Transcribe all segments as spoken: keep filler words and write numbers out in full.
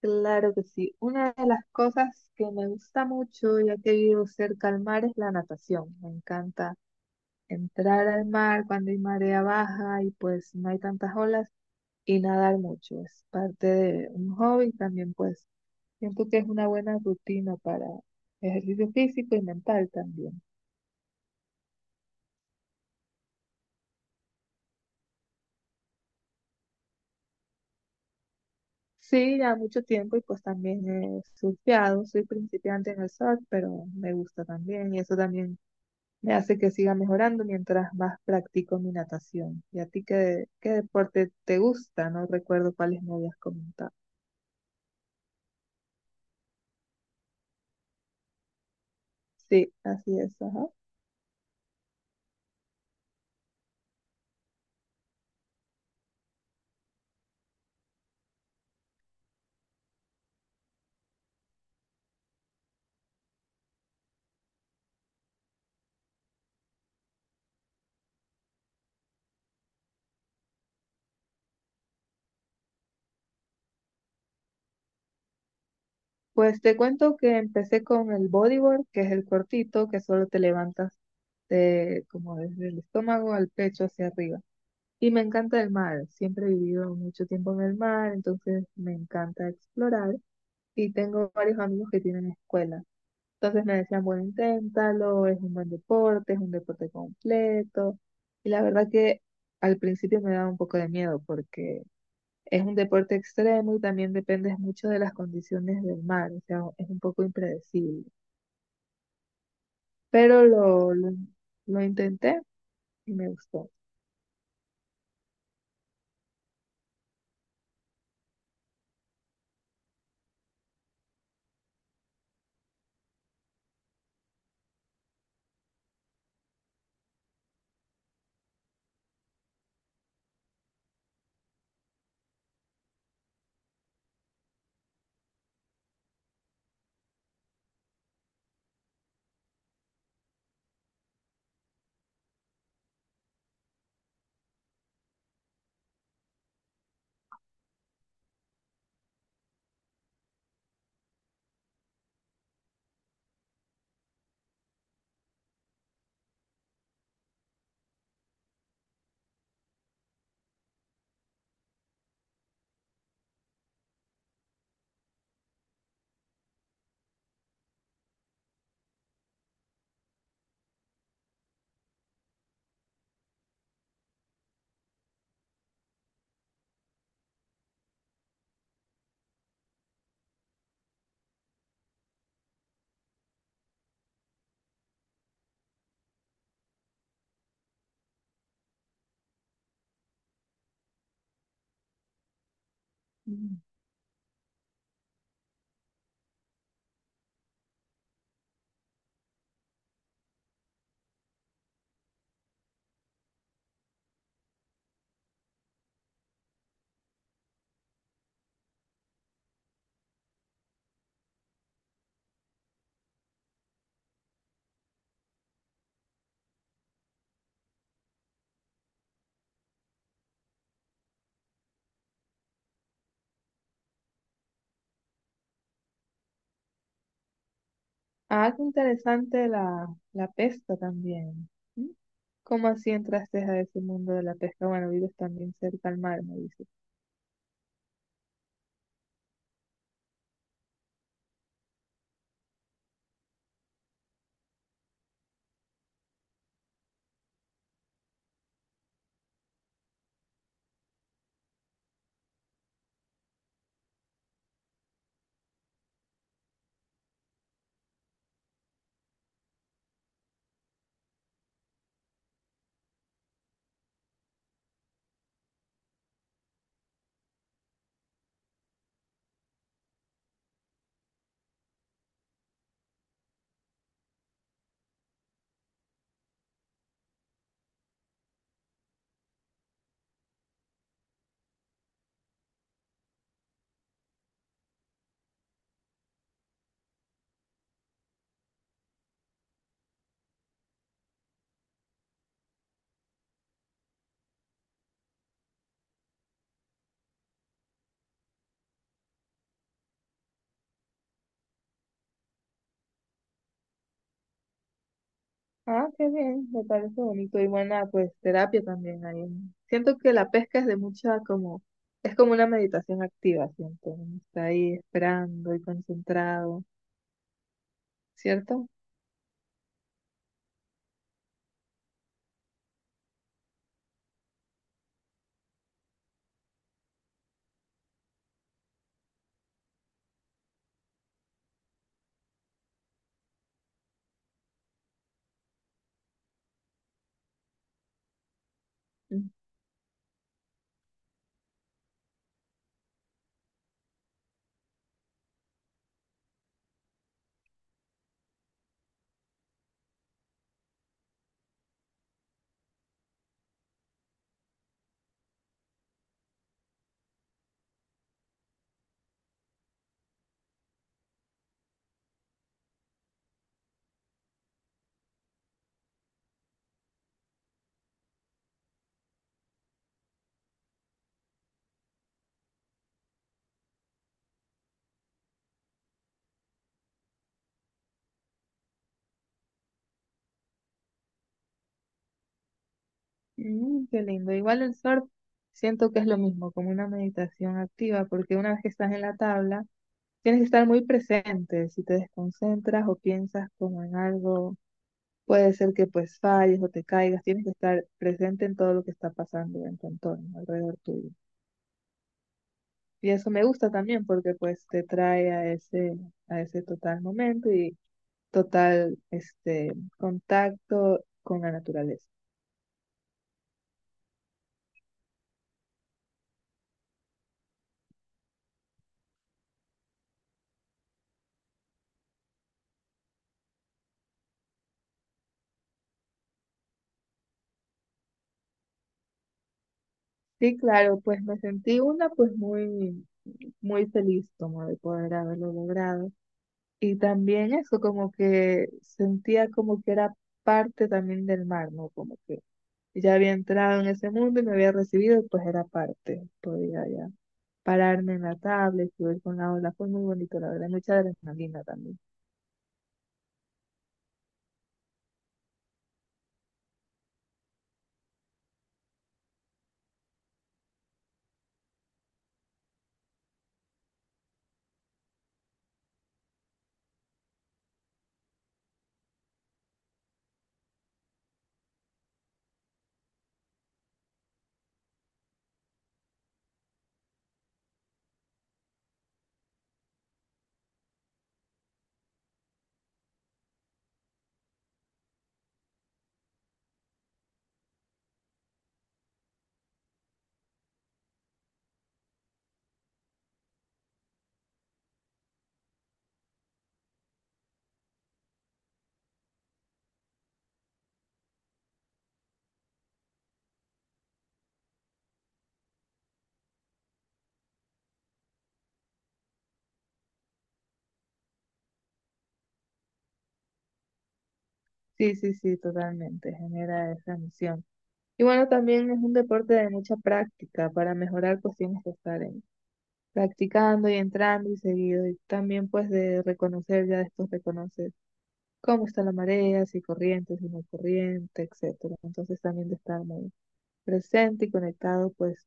Claro que sí. Una de las cosas que me gusta mucho, ya que vivo cerca al mar, es la natación. Me encanta entrar al mar cuando hay marea baja y pues no hay tantas olas y nadar mucho. Es parte de un hobby también, pues siento que es una buena rutina para ejercicio físico y mental también. Sí, ya mucho tiempo y pues también he surfeado. Soy principiante en el surf, pero me gusta también y eso también me hace que siga mejorando mientras más practico mi natación. ¿Y a ti qué, qué deporte te gusta? No recuerdo cuáles me habías comentado. Sí, así es, ajá. Pues te cuento que empecé con el bodyboard, que es el cortito, que solo te levantas de- como desde el estómago al pecho hacia arriba. Y me encanta el mar, siempre he vivido mucho tiempo en el mar, entonces me encanta explorar y tengo varios amigos que tienen escuelas. Entonces me decían, bueno, inténtalo, es un buen deporte, es un deporte completo. Y la verdad que al principio me daba un poco de miedo porque es un deporte extremo y también depende mucho de las condiciones del mar, o sea, es un poco impredecible. Pero lo, lo, lo intenté y me gustó. Mm. Ah, qué interesante la, la pesca también. Mm. ¿Cómo así entraste a ese mundo de la pesca? Bueno, vives también cerca al mar, me dices. Ah, qué bien, me parece bonito y buena pues terapia también ahí. Siento que la pesca es de mucha como, es como una meditación activa, siento. Uno está ahí esperando y concentrado, ¿cierto? Mm, mm, qué lindo. Igual el surf, siento que es lo mismo, como una meditación activa, porque una vez que estás en la tabla, tienes que estar muy presente. Si te desconcentras o piensas como en algo, puede ser que pues falles o te caigas, tienes que estar presente en todo lo que está pasando en tu entorno, alrededor tuyo. Y eso me gusta también porque pues te trae a ese, a ese total momento y total este contacto con la naturaleza. Sí, claro, pues me sentí una pues muy, muy feliz como de poder haberlo logrado. Y también eso, como que sentía como que era parte también del mar, ¿no? Como que ya había entrado en ese mundo y me había recibido, pues era parte. Podía ya pararme en la tabla y subir con la ola. Fue muy bonito, la verdad, mucha adrenalina también. Sí, sí, sí, totalmente, genera esa misión. Y bueno, también es un deporte de mucha práctica para mejorar, pues tienes que estar en- practicando y entrando y seguido. Y también pues de reconocer, ya después reconoces cómo está la marea, si corriente, si no hay corriente, etcétera. Entonces también de estar muy presente y conectado, pues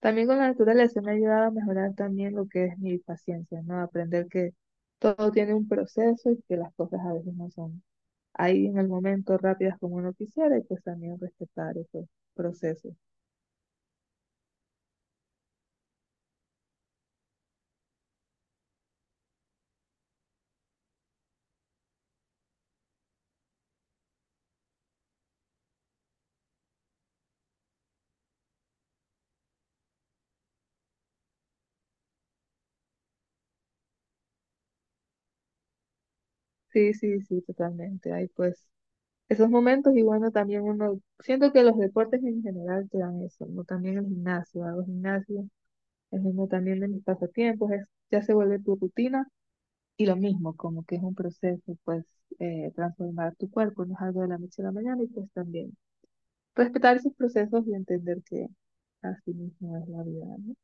también con la naturaleza me ha ayudado a mejorar también lo que es mi paciencia, ¿no? Aprender que todo tiene un proceso y que las cosas a veces no son ahí en el momento rápidas como uno quisiera y pues también respetar esos procesos. Sí, sí, sí, totalmente. Hay pues esos momentos y bueno, también uno, siento que los deportes en general te dan eso, ¿no? También el gimnasio, hago gimnasio, es uno también de mis pasatiempos, es, ya se vuelve tu rutina y lo mismo, como que es un proceso, pues eh, transformar tu cuerpo, no es algo de la noche a la mañana y pues también respetar esos procesos y entender que así mismo es la vida, ¿no?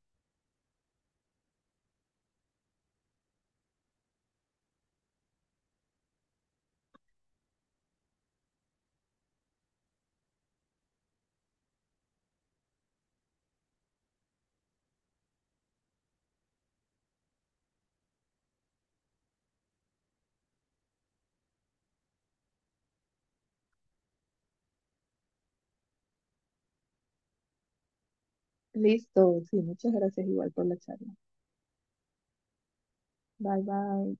Listo, sí, muchas gracias igual por la charla. Bye bye.